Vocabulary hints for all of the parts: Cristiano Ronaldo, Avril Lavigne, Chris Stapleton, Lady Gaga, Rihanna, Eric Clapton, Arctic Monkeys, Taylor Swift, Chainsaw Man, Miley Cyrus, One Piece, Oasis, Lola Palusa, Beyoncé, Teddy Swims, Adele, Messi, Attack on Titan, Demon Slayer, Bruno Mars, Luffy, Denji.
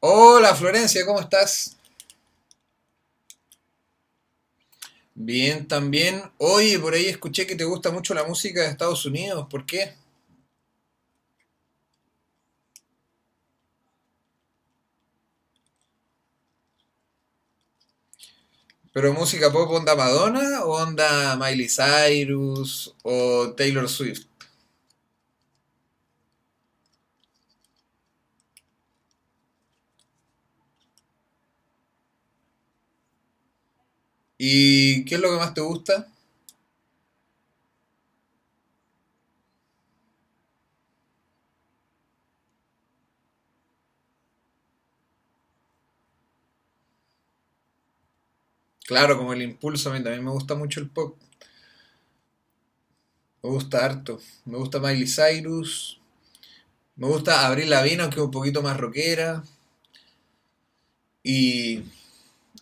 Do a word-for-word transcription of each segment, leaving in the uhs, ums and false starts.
Hola Florencia, ¿cómo estás? Bien, también. Oye, por ahí escuché que te gusta mucho la música de Estados Unidos, ¿por qué? ¿Pero música pop onda Madonna o onda Miley Cyrus o Taylor Swift? ¿Y qué es lo que más te gusta? Claro, como el impulso, a mí también me gusta mucho el pop. Me gusta harto. Me gusta Miley Cyrus. Me gusta Avril Lavigne, aunque un poquito más rockera. Y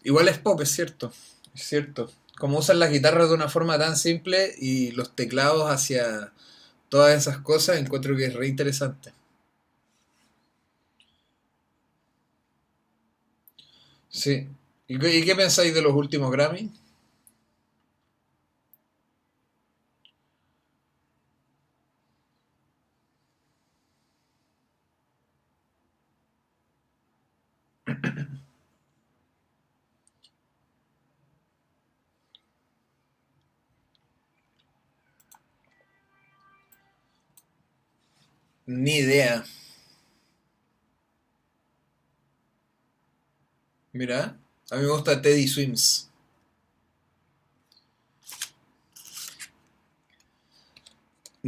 igual es pop, es cierto. Es cierto. Como usan las guitarras de una forma tan simple y los teclados hacia todas esas cosas, encuentro que es re interesante. Sí. ¿Y qué, y qué pensáis de los últimos Grammy? Ni idea. Mira, a mí me gusta Teddy Swims.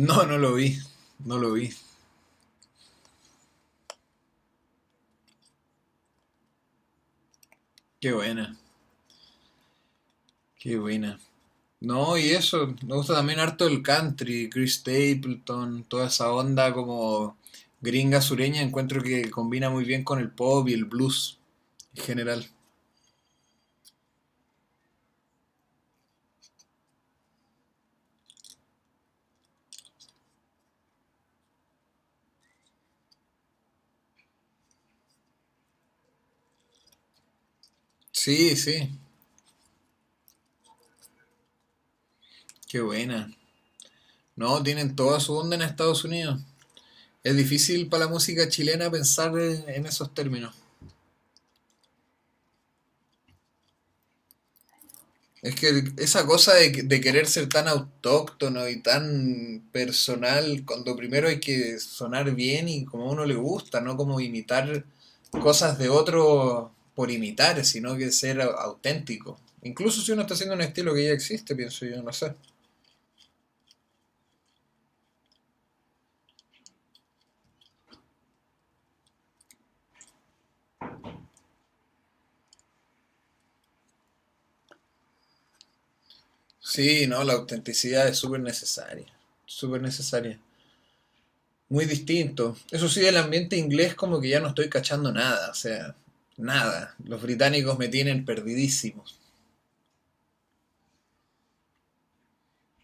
No, no lo vi. No lo vi. Qué buena. Qué buena. No, y eso, me gusta también harto el country, Chris Stapleton, toda esa onda como gringa sureña, encuentro que combina muy bien con el pop y el blues en general. Sí, sí, qué buena. No, tienen toda su onda en Estados Unidos. Es difícil para la música chilena pensar en en esos términos. Es que esa cosa de, de querer ser tan autóctono y tan personal, cuando primero hay que sonar bien y como a uno le gusta, no como imitar cosas de otro por imitar, sino que ser au- auténtico. Incluso si uno está haciendo un estilo que ya existe, pienso yo, no sé. Sí, no, la autenticidad es súper necesaria, súper necesaria. Muy distinto. Eso sí, del ambiente inglés como que ya no estoy cachando nada, o sea, nada. Los británicos me tienen perdidísimo.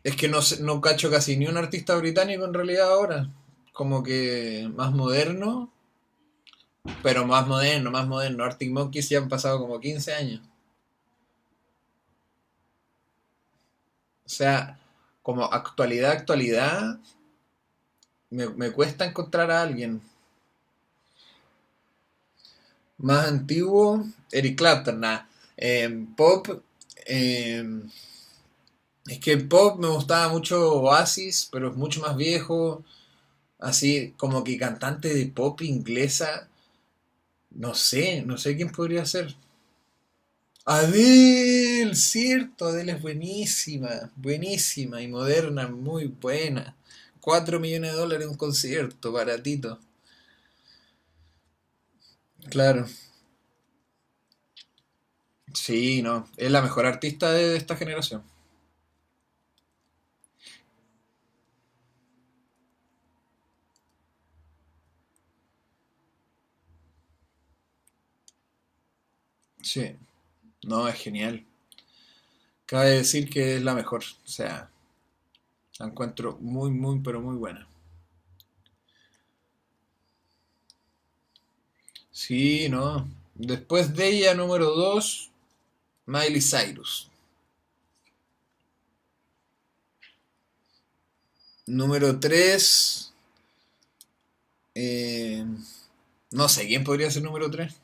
Es que no, sé- no cacho casi ni un artista británico en realidad ahora. Como que más moderno, pero más moderno, más moderno. Arctic Monkeys ya han pasado como quince años. O sea, como actualidad, actualidad, me, me cuesta encontrar a alguien. Más antiguo, Eric Clapton, nada. Eh, pop, eh, es que el pop me gustaba mucho Oasis, pero es mucho más viejo. Así como que cantante de pop inglesa, no sé, no sé quién podría ser. Adele, cierto, Adele es buenísima, buenísima y moderna, muy buena. Cuatro millones de dólares un concierto, baratito. Claro, sí, no, es la mejor artista de esta generación. Sí, no, es genial. Cabe decir que es la mejor, o sea, la encuentro muy, muy, pero muy buena. Sí, no. Después de ella, número dos, Miley Cyrus. Número tres, no sé, ¿quién podría ser número tres?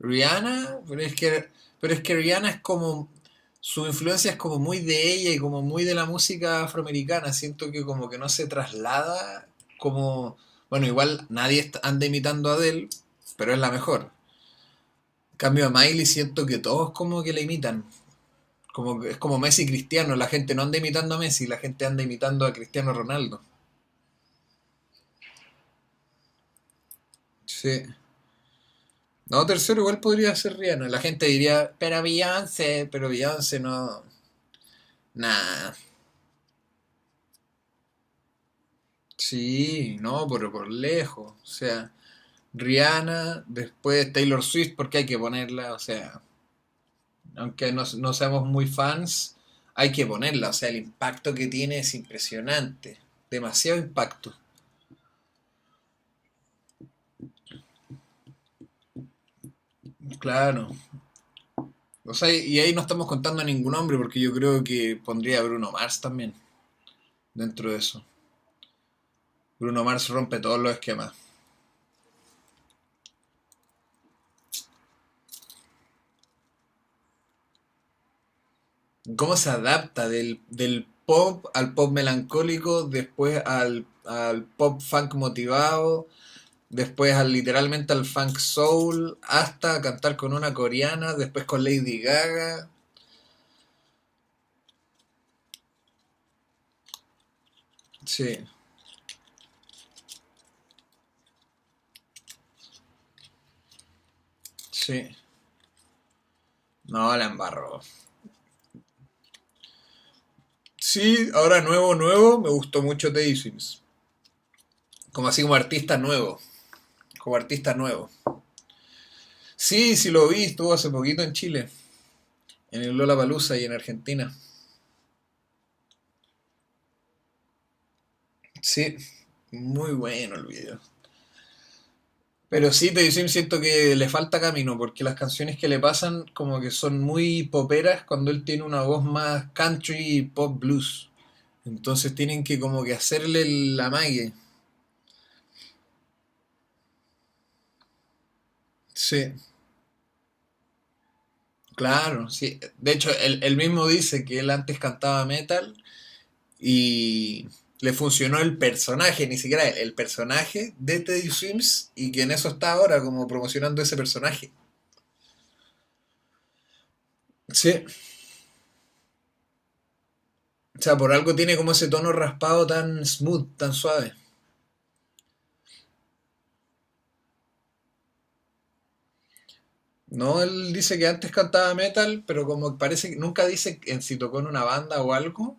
Rihanna, pero es que, pero es que Rihanna es como, su influencia es como muy de ella y como muy de la música afroamericana. Siento que como que no se traslada como, bueno, igual nadie est- anda imitando a Adele, pero es la mejor. En cambio a Miley siento que todos como que la imitan. Como, que- es como Messi y Cristiano, la gente no anda imitando a Messi, la gente anda imitando a Cristiano Ronaldo. Sí. No, tercero igual podría ser Rihanna. La gente diría, pero Beyoncé, pero Beyoncé no. Nah, sí, no, pero por lejos. O sea, Rihanna, después Taylor Swift, porque hay que ponerla, o sea, aunque no, no seamos muy fans, hay que ponerla. O sea, el impacto que tiene es impresionante. Demasiado impacto. Claro. O sea, y ahí no estamos contando a ningún hombre, porque yo creo que pondría a Bruno Mars también dentro de eso. Bruno Mars rompe todos los esquemas. ¿Cómo se adapta del, del pop al pop melancólico, después al, al pop funk motivado? Después al, literalmente al funk soul, hasta cantar con una coreana, después con Lady Gaga. Sí, sí. No, la embarro. Sí, ahora nuevo, nuevo, me gustó mucho Teddy Swims. Como así como artista nuevo, como artista nuevo. Sí, sí lo vi, estuvo hace poquito en Chile, en el Lola Palusa y en Argentina. Sí, muy bueno el video. Pero sí, Teddy Swims siento que le falta camino, porque las canciones que le pasan como que son muy poperas cuando él tiene una voz más country y pop blues. Entonces tienen que como que hacerle el amague. Sí, claro, sí. De hecho, él, él mismo dice que él antes cantaba metal y le funcionó el personaje, ni siquiera él, el personaje de Teddy Swims y que en eso está ahora como promocionando ese personaje. Sí, o sea, por algo tiene como ese tono raspado tan smooth, tan suave. No, él dice que antes cantaba metal, pero como parece que nunca dice en si tocó en una banda o algo.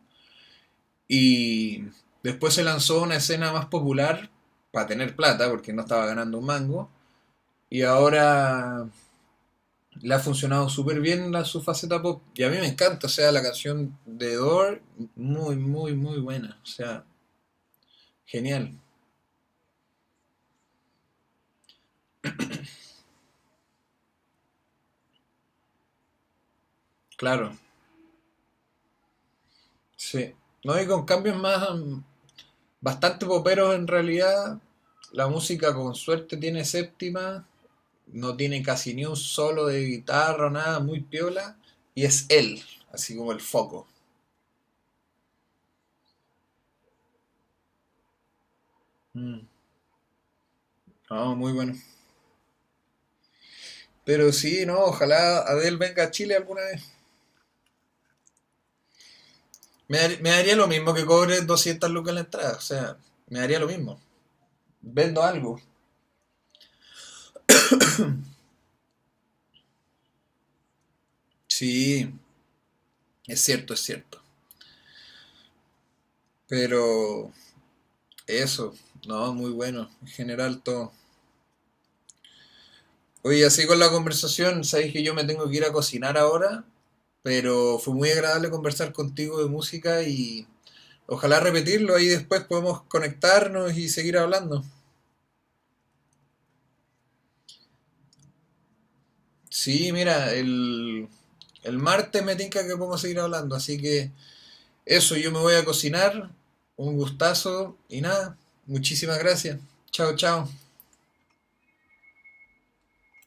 Y después se lanzó a una escena más popular para tener plata, porque no estaba ganando un mango. Y ahora le ha funcionado súper bien la, su faceta pop. Y a mí me encanta, o sea, la canción de Door, muy, muy, muy buena. O sea, genial, claro, sí. No, y con cambios más, mm, bastante poperos en realidad. La música con suerte tiene séptima, no tiene casi ni un solo de guitarra o nada, muy piola, y es él, así como el foco. Mm. No, muy bueno. Pero sí, no, ojalá Adele venga a Chile alguna vez. Me, dar- me daría lo mismo que cobre 200 lucas en la entrada, o sea, me daría lo mismo. Vendo algo. Sí, es cierto, es cierto. Pero eso, no, muy bueno, en general todo. Oye, así con la conversación, sabéis que yo me tengo que ir a cocinar ahora, pero fue muy agradable conversar contigo de música y ojalá repetirlo, ahí después podemos conectarnos y seguir hablando. Sí, mira, el, el martes me tinca que podemos seguir hablando, así que eso, yo me voy a cocinar, un gustazo y nada, muchísimas gracias. Chao, chao.